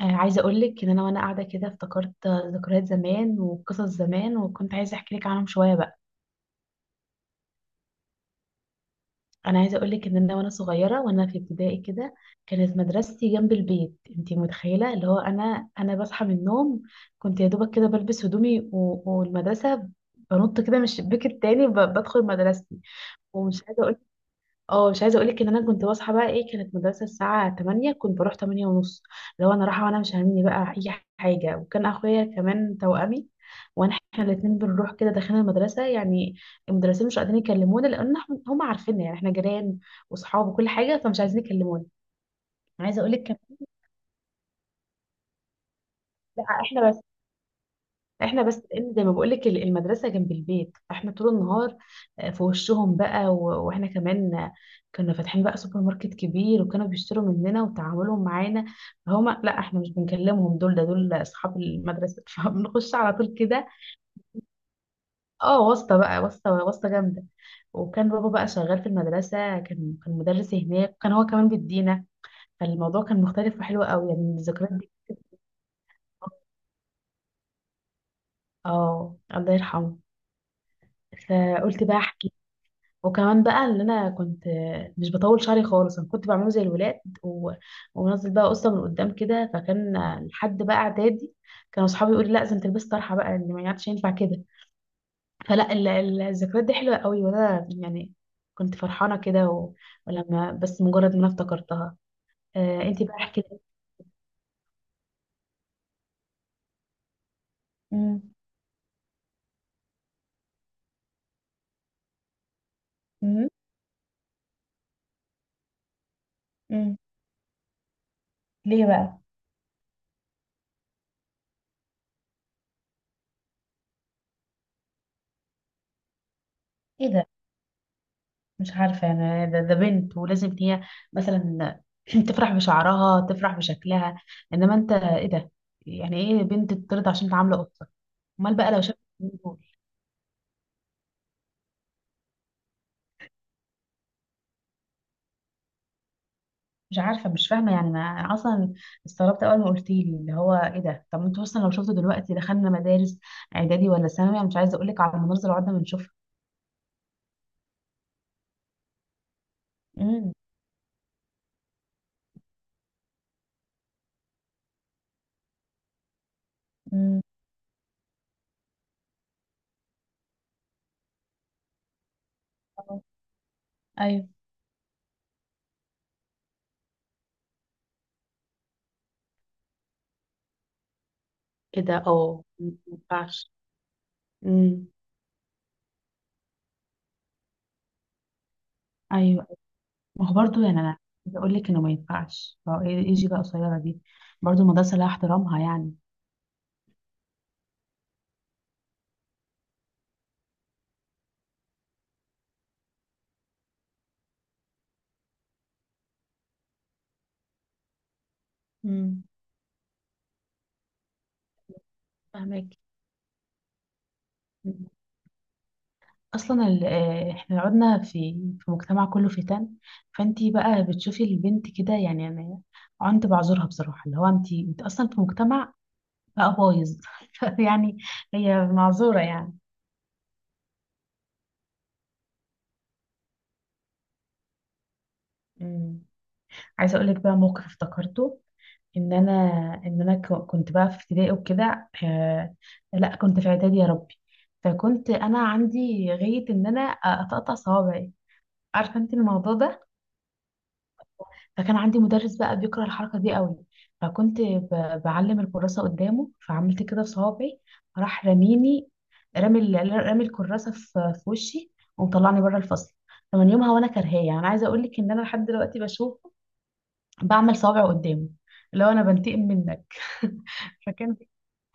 عايزة أقولك إن أنا وأنا قاعدة كده افتكرت ذكريات زمان وقصص زمان وكنت عايزة أحكي لك عنهم شوية بقى. أنا عايزة أقولك إن أنا وأنا صغيرة وأنا في ابتدائي كده كانت مدرستي جنب البيت. أنتي متخيلة اللي هو أنا بصحى من النوم، كنت يا دوبك كده بلبس هدومي والمدرسة، بنط كده من الشباك التاني بدخل مدرستي. ومش عايزة أقولك. اه، مش عايزه اقول لك ان انا كنت بصحى بقى ايه. كانت مدرسه الساعه 8، كنت بروح 8 ونص. لو انا رايحه وانا مش هاممني بقى اي حاجه. وكان اخويا كمان توأمي، وانا احنا الاثنين بنروح كده داخلين المدرسه يعني. المدرسين مش قادرين يكلمونا، لان احنا هم عارفيننا، يعني احنا جيران واصحاب وكل حاجه، فمش عايزين يكلمونا. عايزه اقول لك كمان. لا، احنا بس إن زي ما بقولك المدرسة جنب البيت، فاحنا طول النهار في وشهم بقى، واحنا كمان كنا فاتحين بقى سوبر ماركت كبير، وكانوا بيشتروا مننا وتعاملهم معانا. فهما لا، احنا مش بنكلمهم، دول دول اصحاب المدرسة، فبنخش على طول كده. اه، واسطة بقى، واسطة جامدة. وكان بابا بقى شغال في المدرسة، كان مدرس هناك، وكان هو كمان بيدينا. فالموضوع كان مختلف وحلو قوي، يعني الذكريات دي. اه، الله يرحمه. فقلت بقى احكي. وكمان بقى ان انا كنت مش بطول شعري خالص، انا كنت بعمله زي الولاد ومنزل بقى قصه من قدام كده، فكان لحد بقى اعدادي كانوا اصحابي يقولوا لا، لازم تلبس طرحه بقى، اللي ما يعرفش ينفع كده. فلا، الذكريات دي حلوه قوي، وانا يعني كنت فرحانه كده ولما بس مجرد ما انا افتكرتها. انتي بقى احكي لي. امم. امم. ليه بقى؟ ايه ده؟ مش عارفة أنا. ده, بنت ولازم إن هي مثلا تفرح بشعرها، تفرح بشكلها. إنما أنت، إيه ده؟ يعني إيه بنت ترضى عشان تعامله قطة؟ أمال بقى لو شافت الاتنين دول. مش عارفة، مش فاهمة يعني. أنا أصلا استغربت أول ما قلتيلي اللي هو إيه ده. طب أنتوا أصلا لو شفتوا دلوقتي دخلنا مدارس إعدادي ولا ثانوي، أنا مش عايزة أقولك على المناظر اللي قعدنا بنشوفها. امم. امم. أيوه. كده، أه ما ينفعش. امم. أيوه. ما هو برضه يعني انا عايزه اقول لك انه ما ينفعش، هو إيه يجي بقى قصيره دي؟ برضه المدرسه لها احترامها يعني. امم. فاهمك. اصلا احنا لو قعدنا في في مجتمع كله فتن، فانتي بقى بتشوفي البنت كده، يعني انا عنت بعذرها بصراحه، اللي هو انت اصلا في مجتمع بقى بايظ، يعني هي معذوره يعني. امم. عايزه اقول لك بقى موقف افتكرته ان انا ان انا كنت بقى في ابتدائي وكده، لا كنت في اعدادي يا ربي. فكنت انا عندي غاية ان انا اقطع صوابعي، عارفه انت الموضوع ده؟ فكان عندي مدرس بقى بيكره الحركه دي قوي. فكنت بعلم الكراسه قدامه، فعملت كده في صوابعي. راح رميني، رامي الكراسه في وشي، ومطلعني بره الفصل. فمن يومها وانا كرهاه، يعني انا عايزه اقول لك ان انا لحد دلوقتي بشوفه، بعمل صوابعه قدامه، اللي هو انا بنتقم منك. فكان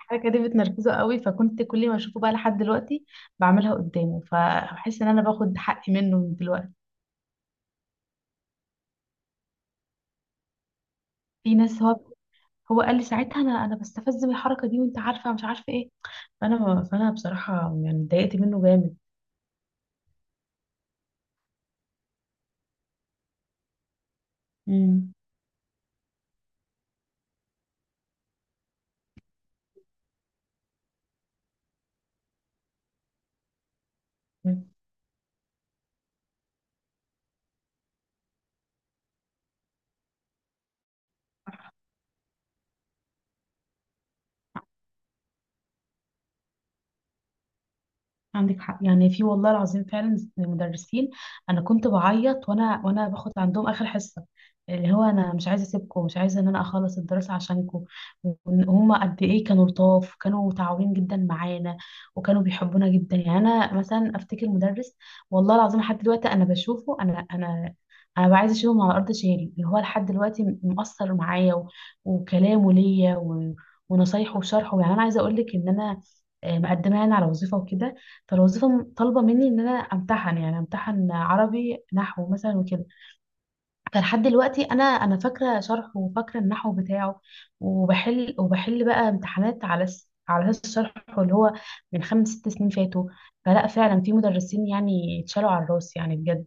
الحركة دي بتنرفزه قوي، فكنت كل ما اشوفه بقى لحد دلوقتي بعملها قدامه، فبحس ان انا باخد حقي منه من دلوقتي. في ناس، هو هو قال لي ساعتها انا بستفز من الحركة دي، وانت عارفة مش عارفة ايه. فانا بصراحة يعني اتضايقت منه جامد. امم. عندك حق، يعني في والله العظيم فعلا مدرسين. انا كنت بعيط وانا باخد عندهم اخر حصه، اللي هو انا مش عايزه اسيبكم، مش عايزه ان انا اخلص الدراسه عشانكم. وهما قد ايه كانوا لطاف، كانوا متعاونين جدا معانا، وكانوا بيحبونا جدا. يعني انا مثلا افتكر مدرس والله العظيم لحد دلوقتي انا بشوفه. انا بقى عايزه اشيله من على ارض شهري، اللي هو لحد دلوقتي مؤثر معايا، وكلامه ليا ونصايحه وشرحه. يعني انا عايزه اقول لك ان انا مقدمه يعني على وظيفه وكده، فالوظيفة طالبة مني ان انا امتحن، يعني امتحن عربي نحو مثلا وكده. فلحد دلوقتي انا فاكرة شرحه وفاكرة النحو بتاعه، وبحل بقى امتحانات على على اساس شرحه، اللي هو من خمس ست سنين فاتوا. فلا، فعلا في مدرسين يعني اتشالوا على الراس يعني بجد.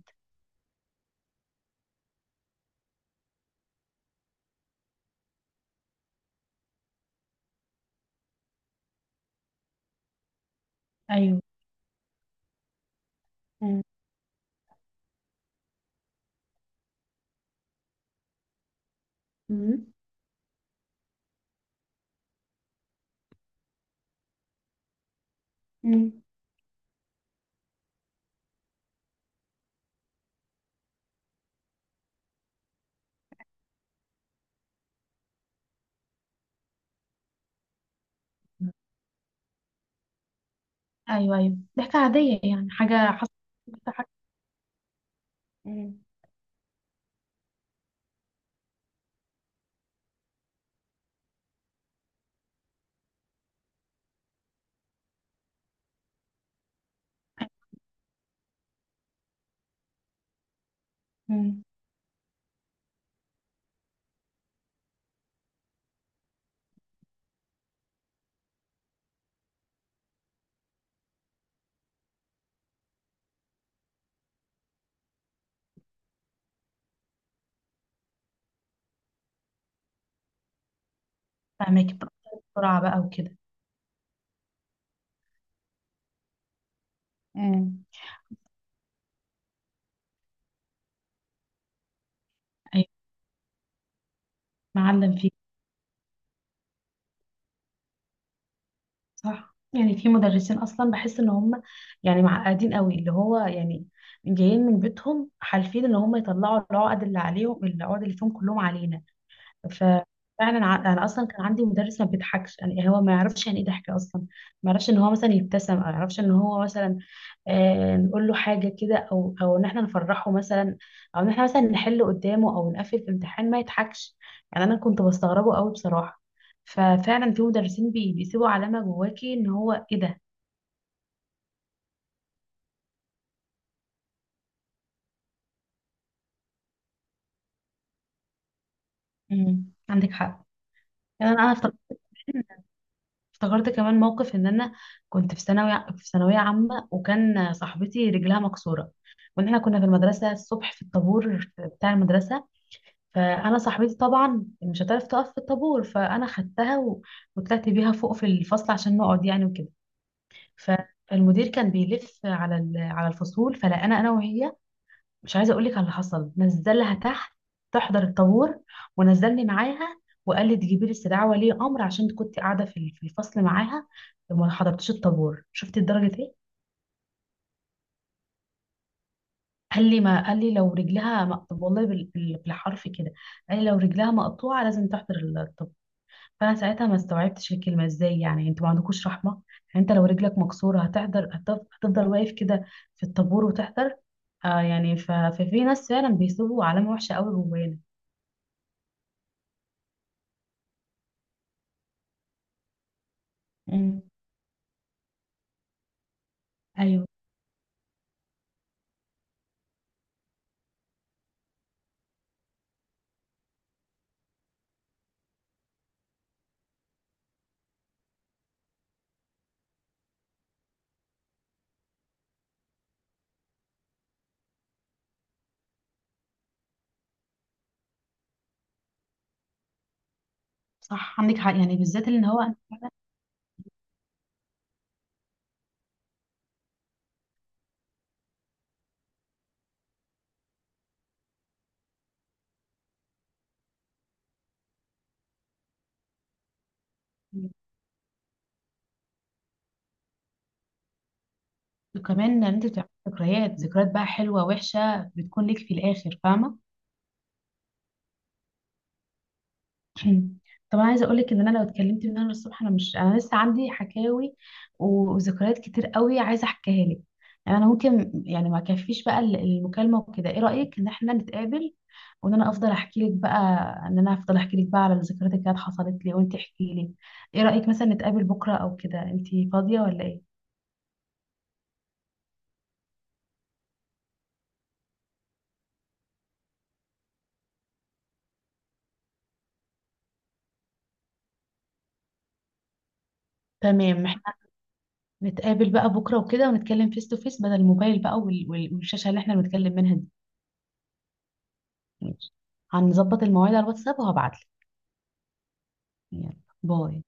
ايوه. مم. مم. مم. ايوه، ايوه، ضحكة عادية، يعني حاجة حصلت، حاجة. مم. مم. فاهمك بقى. بسرعة بقى وكده. مم. ايوه. معلم فيها. صح، يعني في مدرسين اصلا بحس ان هم يعني معقدين قوي، اللي هو يعني جايين من بيتهم حالفين ان هم يطلعوا العقد اللي عليهم، العقد اللي فيهم كلهم علينا. ففعلا انا اصلا كان عندي مدرس ما بيضحكش، يعني هو ما يعرفش يعني ايه ضحك اصلا. ما يعرفش ان هو مثلا يبتسم، او ما يعرفش ان هو مثلا نقول له حاجه كده، او ان احنا نفرحه مثلا، او ان احنا مثلا نحل قدامه او نقفل في امتحان، ما يضحكش. يعني انا كنت بستغربه قوي بصراحه. ففعلا في مدرسين بيسيبوا علامه جواكي، ان هو ايه ده. مم. عندك حق يعني. انا أنا افتكرت كمان موقف، ان انا كنت في ثانوي، في ثانويه عامه، وكان صاحبتي رجلها مكسوره، وان احنا كنا في المدرسه الصبح في الطابور بتاع المدرسه. فانا صاحبتي طبعا مش هتعرف تقف في الطابور، فانا خدتها وطلعت بيها فوق في الفصل عشان نقعد يعني وكده. فالمدير كان بيلف على على الفصول، فلقانا انا وهي. مش عايزه اقول لك على اللي حصل. نزلها تحت تحضر الطابور، ونزلني معاها، وقال لي تجيبي لي استدعاء ولي امر عشان كنت قاعده في الفصل معاها وما حضرتش الطابور. شفتي درجه ايه؟ قال لي، ما قال لي لو رجلها مقطوعه والله بالحرف كده، قال لي لو رجلها مقطوعه لازم تحضر الطابور. فانا ساعتها ما استوعبتش الكلمه. ازاي يعني انتوا ما عندكوش رحمه؟ يعني انت لو رجلك مكسوره هتحضر؟ هتفضل واقف كده في الطابور وتحضر؟ يعني ففي ناس فعلا بيسيبوا علامه وحشه قوي جوانا. ايوه. صح، عندك حق، يعني بالذات ان هو وكمان ان انت بتعمل ذكريات بقى حلوه وحشه، بتكون لك في الاخر، فاهمه؟ طب انا عايزه اقول لك ان انا لو اتكلمت من هنا للصبح انا مش، انا لسه عندي حكاوي وذكريات كتير قوي عايزه احكيها لك. يعني انا ممكن يعني ما كفيش بقى المكالمه وكده. ايه رايك ان احنا نتقابل وان انا افضل احكي لك بقى ان انا افضل احكي لك بقى على الذكريات اللي كانت حصلت لي، وانت احكي لي؟ ايه رايك مثلا نتقابل بكره او كده؟ انت فاضيه ولا ايه؟ تمام. نتقابل بقى بكرة وكده، ونتكلم فيس تو فيس بدل الموبايل بقى والشاشة اللي احنا بنتكلم منها دي. ماشي. هنظبط المواعيد على الواتساب وهبعتلك. يلا. باي.